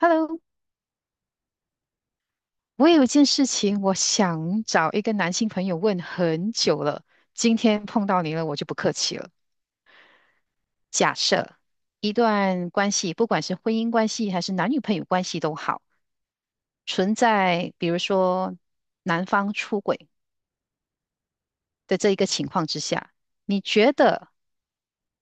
Hello，我有一件事情，我想找一个男性朋友问很久了。今天碰到你了，我就不客气了。假设一段关系，不管是婚姻关系还是男女朋友关系都好，存在比如说男方出轨的这一个情况之下，你觉得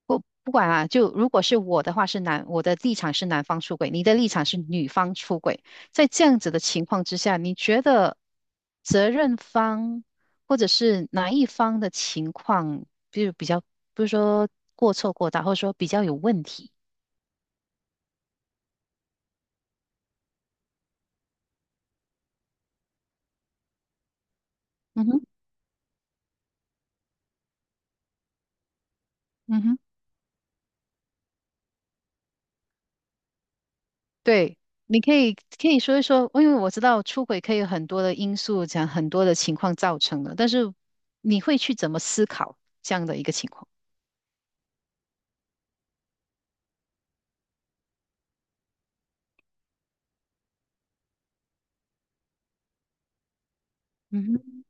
不管啊，就如果是我的话是男，我的立场是男方出轨，你的立场是女方出轨，在这样子的情况之下，你觉得责任方或者是哪一方的情况，就如比较，不是说过错过大，或者说比较有问题？嗯哼。嗯哼。对。你可以说一说，因为我知道出轨可以有很多的因素，讲很多的情况造成的，但是你会去怎么思考这样的一个情况？嗯哼。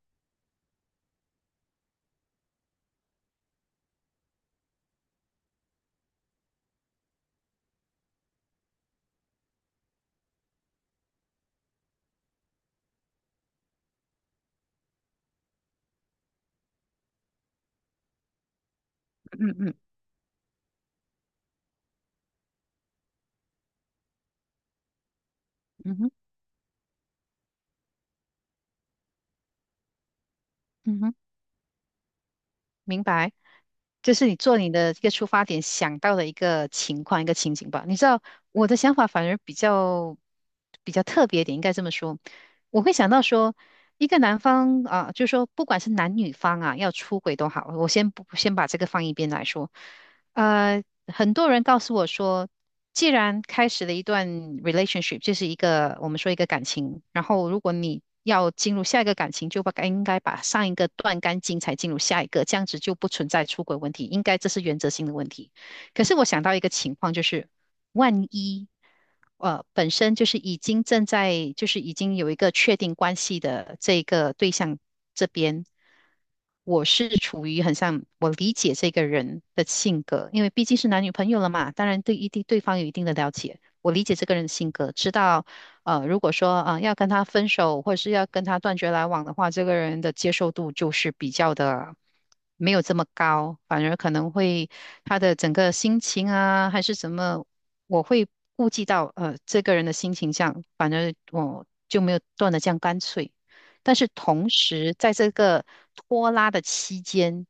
嗯嗯。嗯哼。嗯哼。明白，就是你做你的一个出发点想到的一个情况、一个情景吧。你知道我的想法反而比较特别一点，应该这么说。我会想到说，一个男方啊，就是说不管是男女方啊，要出轨都好，我先不先把这个放一边来说。呃，很多人告诉我说，既然开始了一段 relationship，就是一个我们说一个感情，然后如果你要进入下一个感情，就把应该把上一个断干净才进入下一个，这样子就不存在出轨问题，应该这是原则性的问题。可是我想到一个情况，就是万一本身就是已经正在就是已经有一个确定关系的这个对象这边，我是处于很像我理解这个人的性格，因为毕竟是男女朋友了嘛，当然对一定对方有一定的了解，我理解这个人的性格，知道如果说啊、要跟他分手或者是要跟他断绝来往的话，这个人的接受度就是比较的。没有这么高，反而可能会他的整个心情啊，还是什么我会顾及到这个人的心情这样，反正我就没有断的这样干脆。但是同时，在这个拖拉的期间，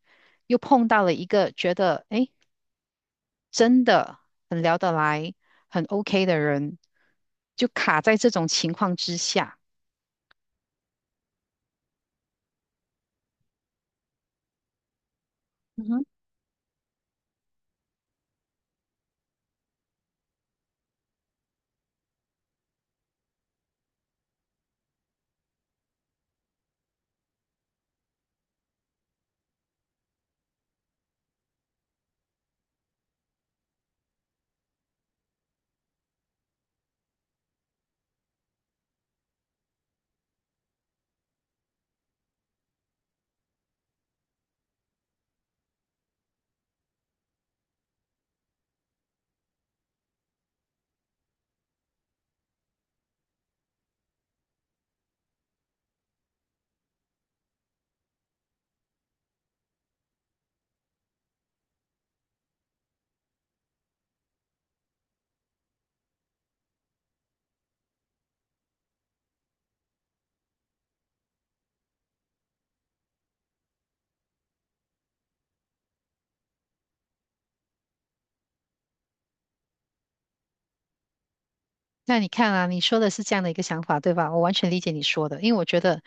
又碰到了一个觉得诶真的很聊得来、很 OK 的人，就卡在这种情况之下。那你看啊，你说的是这样的一个想法，对吧？我完全理解你说的，因为我觉得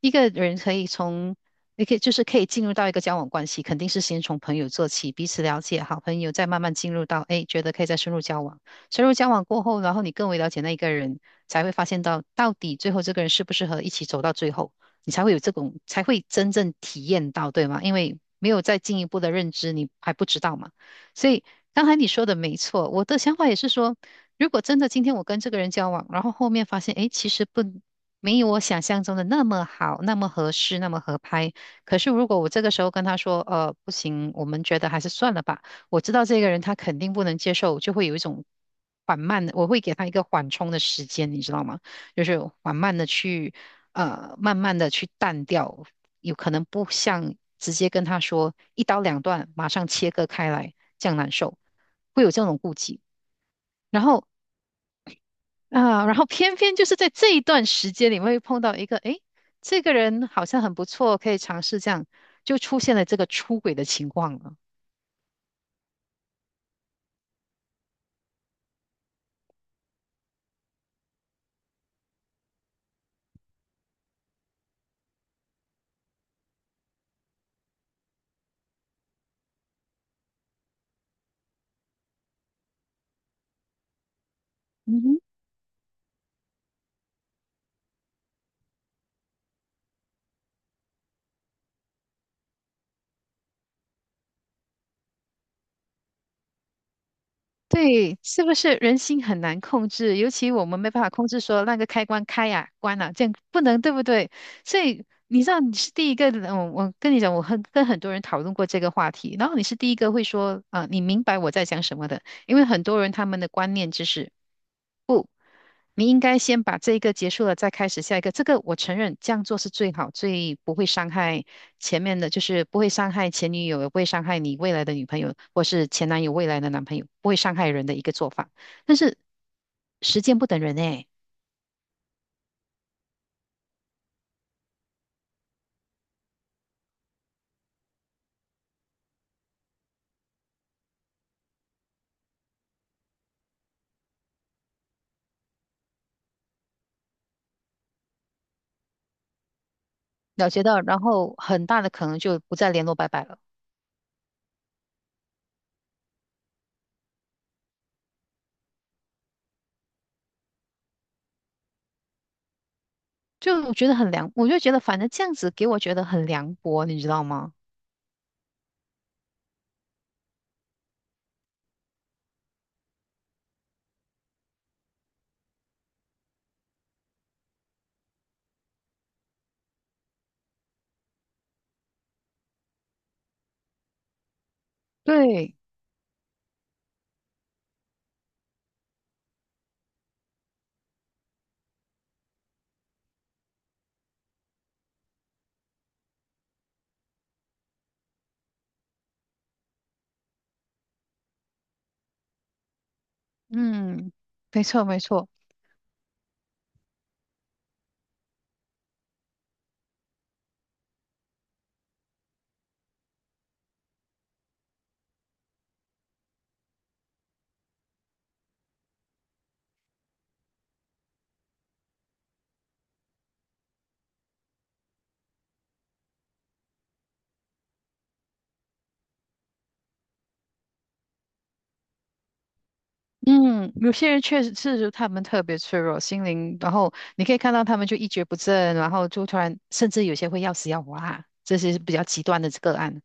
一个人可以从，也可以可以进入到一个交往关系，肯定是先从朋友做起，彼此了解，好朋友，再慢慢进入到，哎，觉得可以再深入交往。深入交往过后，然后你更为了解那一个人，才会发现到到底最后这个人适不适合一起走到最后，你才会有这种，才会真正体验到，对吗？因为没有再进一步的认知，你还不知道嘛。所以刚才你说的没错，我的想法也是说。如果真的今天我跟这个人交往，然后后面发现，诶，其实不，没有我想象中的那么好，那么合适，那么合拍。可是如果我这个时候跟他说，不行，我们觉得还是算了吧。我知道这个人他肯定不能接受，我就会有一种缓慢的，我会给他一个缓冲的时间，你知道吗？就是缓慢的去，慢慢的去淡掉，有可能不像直接跟他说一刀两断，马上切割开来，这样难受，会有这种顾忌。然后啊，然后偏偏就是在这一段时间里面会碰到一个，诶，这个人好像很不错，可以尝试这样，就出现了这个出轨的情况了。嗯哼。对，是不是人心很难控制？尤其我们没办法控制说那个开关开呀、关了，这样不能，对不对？所以你知道你是第一个，我跟你讲，我很跟很多人讨论过这个话题，然后你是第一个会说，啊、你明白我在讲什么的，因为很多人他们的观念就是。你应该先把这一个结束了，再开始下一个。这个我承认，这样做是最好，最不会伤害前面的，就是不会伤害前女友，也不会伤害你未来的女朋友，或是前男友未来的男朋友，不会伤害人的一个做法。但是时间不等人诶，了解到，然后很大的可能就不再联络，拜拜了。就我觉得很凉，我就觉得反正这样子给我觉得很凉薄，你知道吗？对。嗯，没错没错。嗯，有些人确实是他们特别脆弱，心灵，然后你可以看到他们就一蹶不振，然后就突然，甚至有些会要死要活啊，这些是比较极端的个案。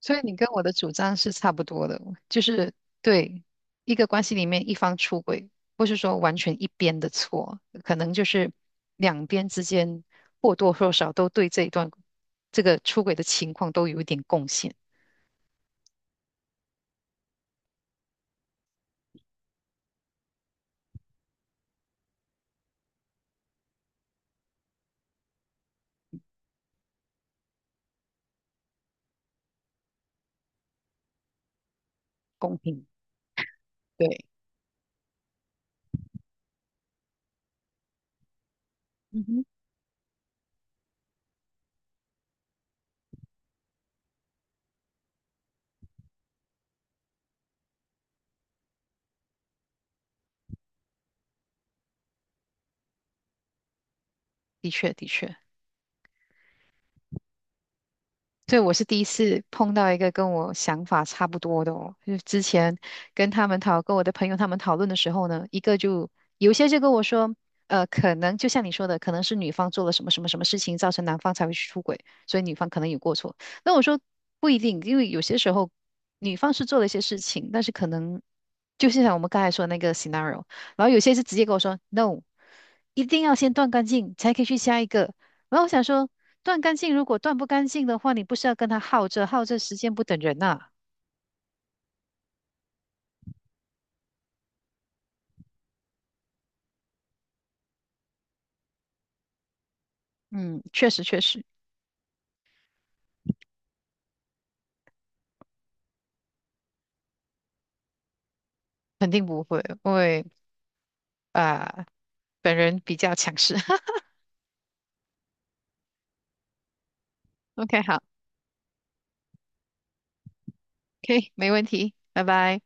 所以你跟我的主张是差不多的，就是对一个关系里面一方出轨，不是说完全一边的错，可能就是两边之间或多或少都对这一段这个出轨的情况都有一点贡献，公平。对。嗯哼。的确，的确。对，我是第一次碰到一个跟我想法差不多的哦。就是之前跟他们讨，跟我的朋友他们讨论的时候呢，一个就有些就跟我说，可能就像你说的，可能是女方做了什么什么什么事情，造成男方才会去出轨，所以女方可能有过错。那我说不一定，因为有些时候女方是做了一些事情，但是可能就是像我们刚才说的那个 scenario，然后有些是直接跟我说 no，一定要先断干净才可以去下一个。然后我想说。断干净，如果断不干净的话，你不是要跟他耗着，耗着时间不等人呐、嗯，确实确实，肯定不会，因为啊、本人比较强势。OK，好，可以，没问题，拜拜。